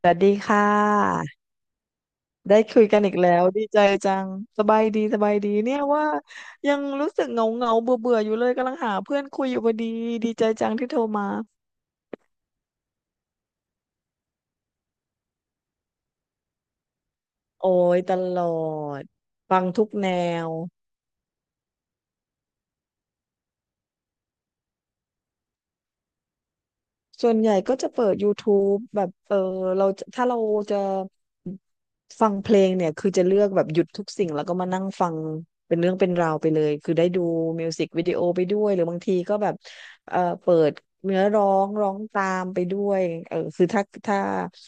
สวัสดีค่ะ ได้คุยกันอีกแล้วดีใจจัง สบายดีสบายดีเนี่ยว่ายังรู้สึกเหงาเงาเบื่อเบื่อๆอยู่เลยกำลังหาเพื่อนคุยอยู่พอดีดีใจจังที่โทรมา โอ้ยตลอดฟังทุกแนวส่วนใหญ่ก็จะเปิด YouTube แบบเราจะถ้าเราจะ ฟังเพลงเนี่ยคือจะเลือกแบบหยุดทุกสิ่งแล้วก็มานั่งฟังเป็นเรื่องเป็นราวไปเลยคือได้ดูมิวสิกวิดีโอไปด้วยหรือบางทีก็แบบเปิดเนื้อร้องร้องตามไปด้วยเออคือถ้า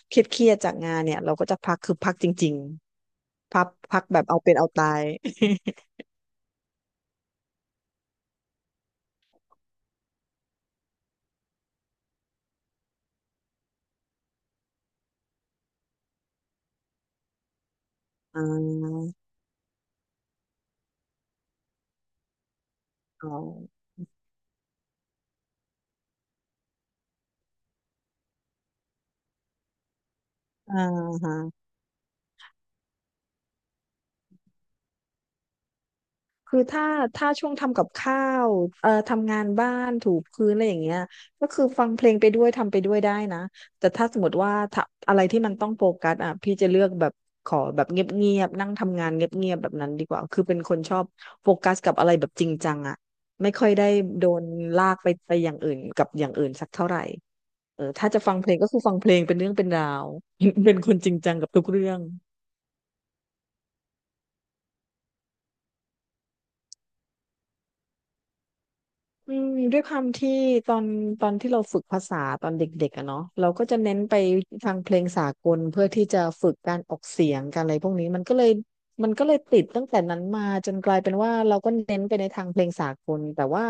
เครียดจากงานเนี่ยเราก็จะพักคือพักจริงๆพักพักแบบเอาเป็นเอาตาย อ่าอ๋ออ่าฮะ คือถ้าช่วงทำกับข้าวทำงานบ้านถูพื้นอะไรอย่างเงี้ยก็คือฟังเพลงไปด้วยทำไปด้วยได้นะแต่ถ้าสมมติว่าถ้าอะไรที่มันต้องโฟกัสอ่ะพี่จะเลือกแบบขอแบบเงียบๆนั่งทำงานเงียบๆแบบนั้นดีกว่าคือเป็นคนชอบโฟกัสกับอะไรแบบจริงจังอ่ะไม่ค่อยได้โดนลากไปอย่างอื่นกับอย่างอื่นสักเท่าไหร่เออถ้าจะฟังเพลงก็คือฟังเพลงเป็นเรื่องเป็นราว เป็นคนจริงจังกับทุกเรื่อง อืมด้วยความที่ตอนตอนที่เราฝึกภาษาตอนเด็กๆอะเนาะเราก็จะเน้นไปทางเพลงสากลเพื่อที่จะฝึกการออกเสียงการอะไรพวกนี้มันก็เลยติดตั้งแต่นั้นมาจนกลายเป็นว่าเราก็เน้นไปในทางเพลงสากลแต่ว่า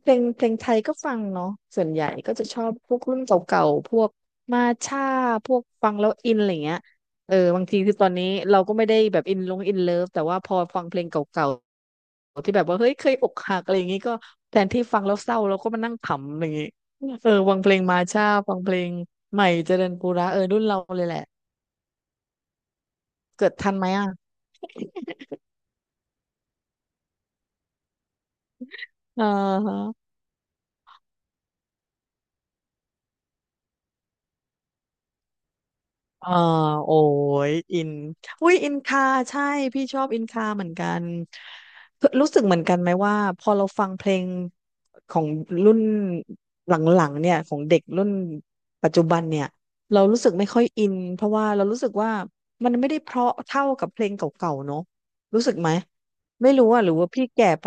เพลงไทยก็ฟังเนาะส่วนใหญ่ก็จะชอบพวกรุ่นเก่าๆพวกมาช่าพวกฟังแล้วอินอะไรเงี้ยเออบางทีคือตอนนี้เราก็ไม่ได้แบบอินลงอินเลิฟแต่ว่าพอฟังเพลงเก่า ที่แบบว่าเฮ้ยเคยอกหักอะไรอย่างงี้ก็แทนที่ฟังแล้วเศร้าเราก็มานั่งขำอะไรอย่างงี้เออฟังเพลงมาช่าฟังเพลงใหม่เจริญปุระเออรุ่นเราเลยแหละเกิดทันไหมอ่ะเออ เออโอ้ยอินอุ้ยอินคาใช่พี่ชอบอินคาเหมือนกันรู้สึกเหมือนกันไหมว่าพอเราฟังเพลงของรุ่นหลังๆเนี่ยของเด็กรุ่นปัจจุบันเนี่ยเรารู้สึกไม่ค่อยอินเพราะว่าเรารู้สึกว่ามันไม่ได้เพราะเท่ากับเพลงเก่าๆเนอะรู้สึกไหมไม่รู้อ่ะหรือว่าพี่แก่ไป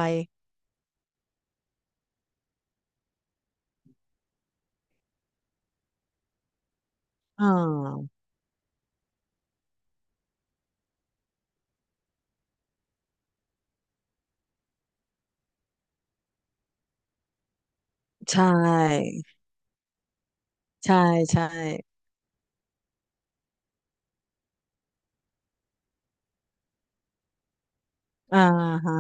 อ่าใช่ใช่ใช่อ่าฮะ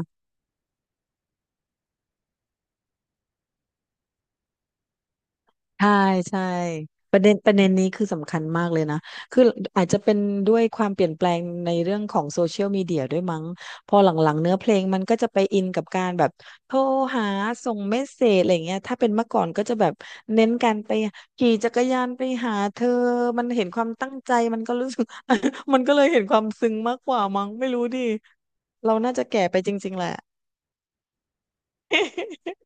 ใช่ใช่ประเด็นนี้คือสำคัญมากเลยนะคืออาจจะเป็นด้วยความเปลี่ยนแปลงในเรื่องของโซเชียลมีเดียด้วยมั้งพอหลังๆเนื้อเพลงมันก็จะไปอินกับการแบบโทรหาส่งเมสเสจอะไรเงี้ยถ้าเป็นเมื่อก่อนก็จะแบบเน้นการไปขี่จักรยานไปหาเธอมันเห็นความตั้งใจมันก็รู้สึก มันก็เลยเห็นความซึ้งมากกว่ามั้งไม่รู้ดิเราน่าจะแก่ไปจริงๆแหละ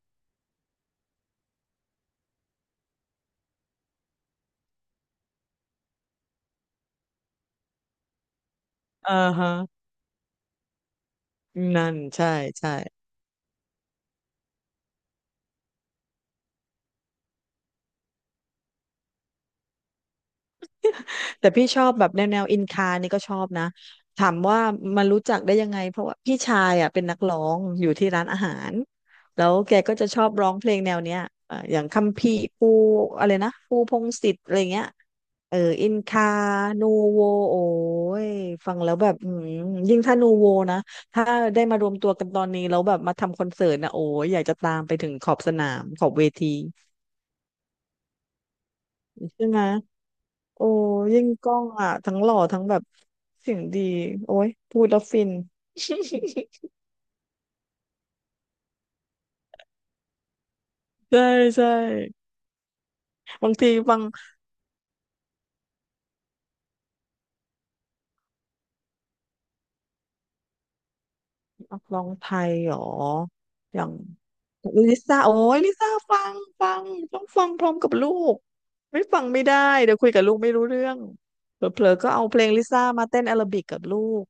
อ่าฮะนั่นใช่ใช่ แต่พี่ชอบแบบแนวอินคานี่ก็ชอบนะถามว่ามันรู้จักได้ยังไงเพราะว่าพี่ชายอ่ะเป็นนักร้องอยู่ที่ร้านอาหารแล้วแกก็จะชอบร้องเพลงแนวเนี้ยอย่างคัมภีร์ปูอะไรนะปูพงษ์สิทธิ์อะไรเงี้ยเอออินคานูโวโอ้ยฟังแล้วแบบอืมยิ่งถ้านูโวนะถ้าได้มารวมตัวกันตอนนี้แล้วแบบมาทำคอนเสิร์ตนะโอ้ยอยากจะตามไปถึงขอบสนามขอบเวทีใช่ไหม โอ้ยิ่งกล้องอ่ะทั้งหล่อทั้งแบบเสียงดีโอ้ยพูดแล้วฟิน ใช่ใช่บางทีฟังนักร้องไทยหรออย่างลิซ่าโอ้ยลิซ่าฟังฟังต้องฟังพร้อมกับลูกไม่ฟังไม่ได้เดี๋ยวคุยกับลูกไม่รู้เรื่องเผลอๆก็เอาเพลงลิซ่ามาเต้นแอโรบิกกับลูก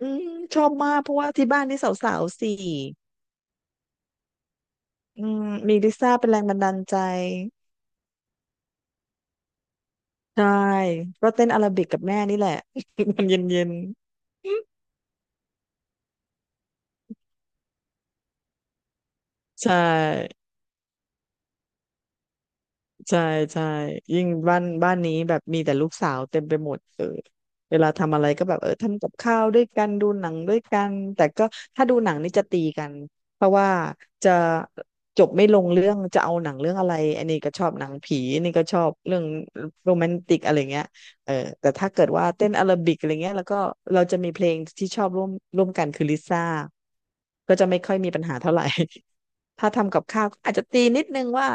อืมชอบมากเพราะว่าที่บ้านนี่สาวๆสี่อืมมีลิซ่าเป็นแรงบันดาลใจ ใช่ก็เต้นอาราบิกกับแม่นี่แหละ มันเย็นๆใช่ ใช่ใช่ยิ่งบ้านนี้แบบมีแต่ลูกสาวเต็มไปหมดเออเวลาทำอะไรก็แบบเออทำกับข้าวด้วยกันดูหนังด้วยกันแต่ก็ถ้าดูหนังนี่จะตีกันเพราะว่าจะจบไม่ลงเรื่องจะเอาหนังเรื่องอะไรอันนี้ก็ชอบหนังผีอันนี้ก็ชอบเรื่องโรแมนติกอะไรเงี้ยเออแต่ถ้าเกิดว่าเต้นอาราบิกอะไรเงี้ยแล้วก็เราจะมีเพลงที่ชอบร่วมกันคือลิซ่าก็จะไม่ค่อยมีปัญหาเท่าไหร่ ถ้าทำกับข้าวอาจจะตีนิดนึงว่า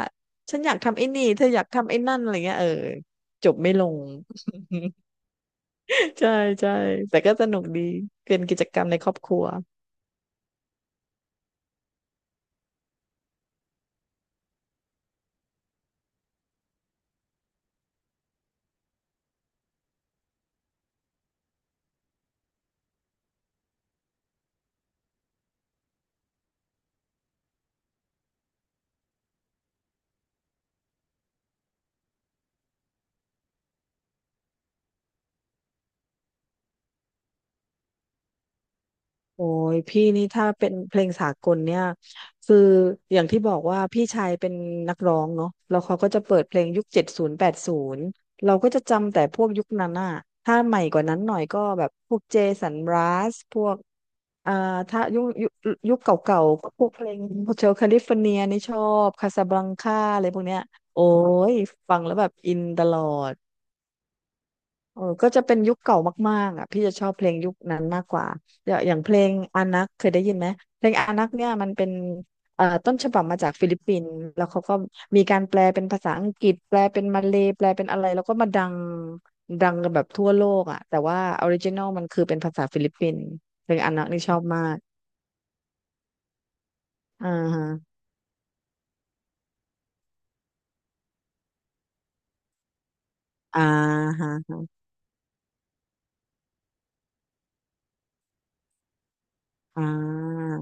ฉันอยากทำไอ้นี่เธออยากทำไอ้นั่นอะไรเงี้ยจบไม่ลง ใช่ใช่แต่ก็สนุกดีเป็นกิจกรรมในครอบครัว โอ้ยพี่นี่ถ้าเป็นเพลงสากลเนี่ยคืออย่างที่บอกว่าพี่ชายเป็นนักร้องเนาะแล้วเขาก็จะเปิดเพลงยุค7080เราก็จะจำแต่พวกยุคนั้นอ่ะถ้าใหม่กว่านั้นหน่อยก็แบบพวกเจสันรัสพวกอ่าถ้ายุคเก่าๆก็พวกเพลงโฮเชลแคลิฟอร์เนียนี่ชอบคาซาบลังคาอะไรพวกเนี้ยโอ้ยฟังแล้วแบบอินตลอด เออก็จะเป็นยุคเก่ามากๆอ่ะพี่จะชอบเพลงยุคนั้นมากกว่าอย่างอย่างเพลงอานักเคยได้ยินไหมเพลงอานักเนี่ยมันเป็นต้นฉบับมาจากฟิลิปปินส์แล้วเขาก็มีการแปลเป็นภาษาอังกฤษแปลเป็นมาเลย์แปลเป็นอะไรแล้วก็มาดังกันแบบทั่วโลกอ่ะแต่ว่าออริจินอลมันคือเป็นภาษาฟิลิปปินส์เพลงอานักนี่ชอบมากอ่าฮะอ่าฮะอ่า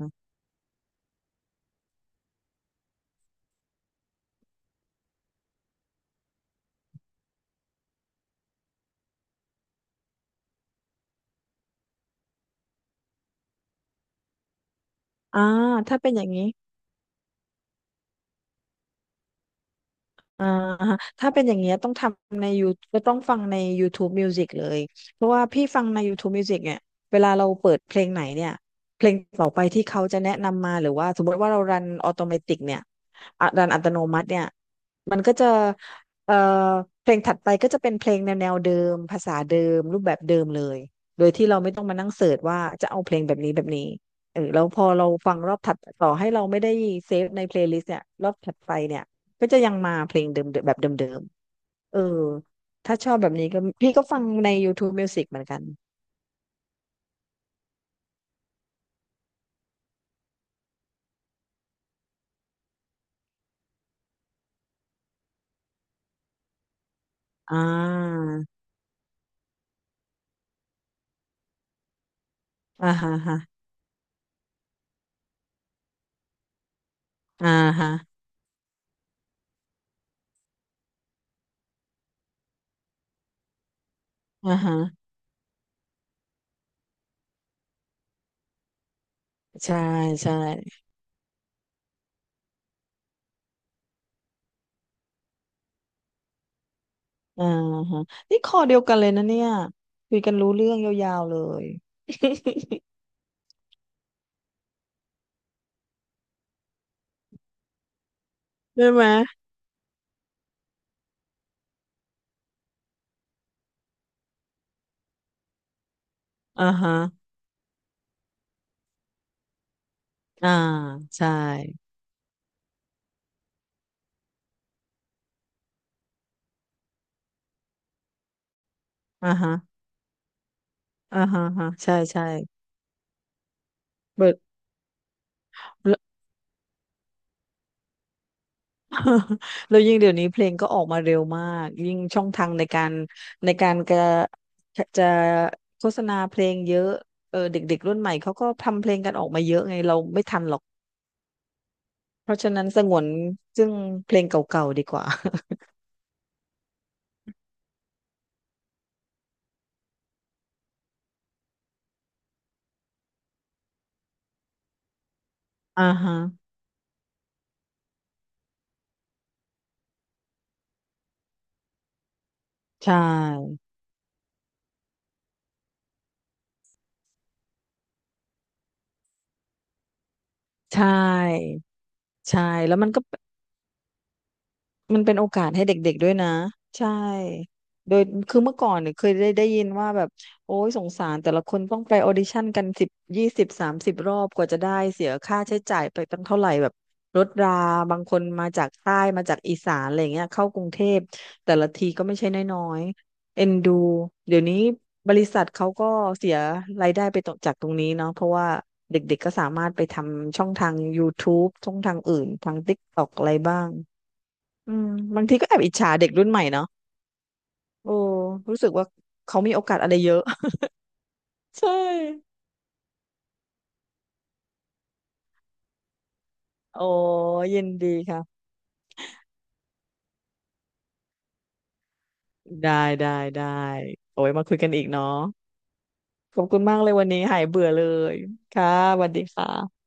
อ่าถ้าเป็นอย่างนี้ อ่าฮะถ้าเป็นอย่างเงี้ยต้องทำในยูก็ต้องฟังใน YouTube Music เลยเพราะว่าพี่ฟังใน YouTube Music เนี่ยเวลาเราเปิดเพลงไหนเนี่ยเพลงต่อไปที่เขาจะแนะนำมาหรือว่าสมมติว่าเรารันออโตเมติกเนี่ยอ่ะรันอัตโนมัติเนี่ยมันก็จะเอ่อเพลงถัดไปก็จะเป็นเพลงแนวเดิมภาษาเดิมรูปแบบเดิมเลยโดยที่เราไม่ต้องมานั่งเสิร์ชว่าจะเอาเพลงแบบนี้แบบนี้เออแล้วพอเราฟังรอบถัดต่อให้เราไม่ได้เซฟในเพลย์ลิสต์เนี่ยรอบถัดไปเนี่ย ก็จะยังมาเพลงเดิมๆแบบเดิมๆเออ ถ้าชอบแบบนี้ก็พี่ก็ฟังใน YouTube Music เหมือนกันอ่าอ่าฮะฮะอ่าฮะอ่าฮะใช่ใช่อ่าฮะนี่คอเดียวกันเลยนะเนี่ยคุยกันรู้เรื่องยาวๆเลย ใช่ไหมอ่าฮะอ่าใช่อ่าฮะอ่าฮะฮะใช่ใช่เบิร์ด แล้วยิ่งเดี๋ยวนี้เพลงก็ออกมาเร็วมากยิ่งช่องทางในการกระจะโฆษณาเพลงเยอะเออเด็กๆรุ่นใหม่เขาก็ทำเพลงกันออกมาเยอะไงเราไม่ทันหรอกเพราะฉะนั้นสงวนซึ่งเพลงเก่าๆดีกว่า อ่าฮะใช่ ใช่ใช่แล้วมันก็ มันเป็นโอกาสให้เด็กๆด้วยนะใช่โดยคือเมื่อก่อนเนี่ยเคยได้ยินว่าแบบโอ้ยสงสารแต่ละคนต้องไปออดิชั่นกันสิบ2030รอบกว่าจะได้เสียค่าใช้จ่ายไปตั้งเท่าไหร่แบบรถราบางคนมาจากใต้มาจากอีสานอะไรเงี้ยเข้ากรุงเทพแต่ละทีก็ไม่ใช่น้อยๆเอ็นดูเดี๋ยวนี้บริษัทเขาก็เสียรายได้ไปตรงจากตรงนี้เนาะเพราะว่าเด็กๆก็สามารถไปทำช่องทางยูทูบช่องทางอื่นทางติ๊กต็อกอะไรบ้าง อืมบางทีก็แอบอิจฉาเด็กรุ่นใหม่เนาะโอ้รู้สึกว่าเขามีโอกาสอะไรเยอะ ใช่ โอ้ยินดีค่ะได้ได้ได้โอ้ยมาคุยกันอีกเนาะขอบคุณมากเลยวันนี้หายเบื่อเลยค่ะสวัสดีค่ะ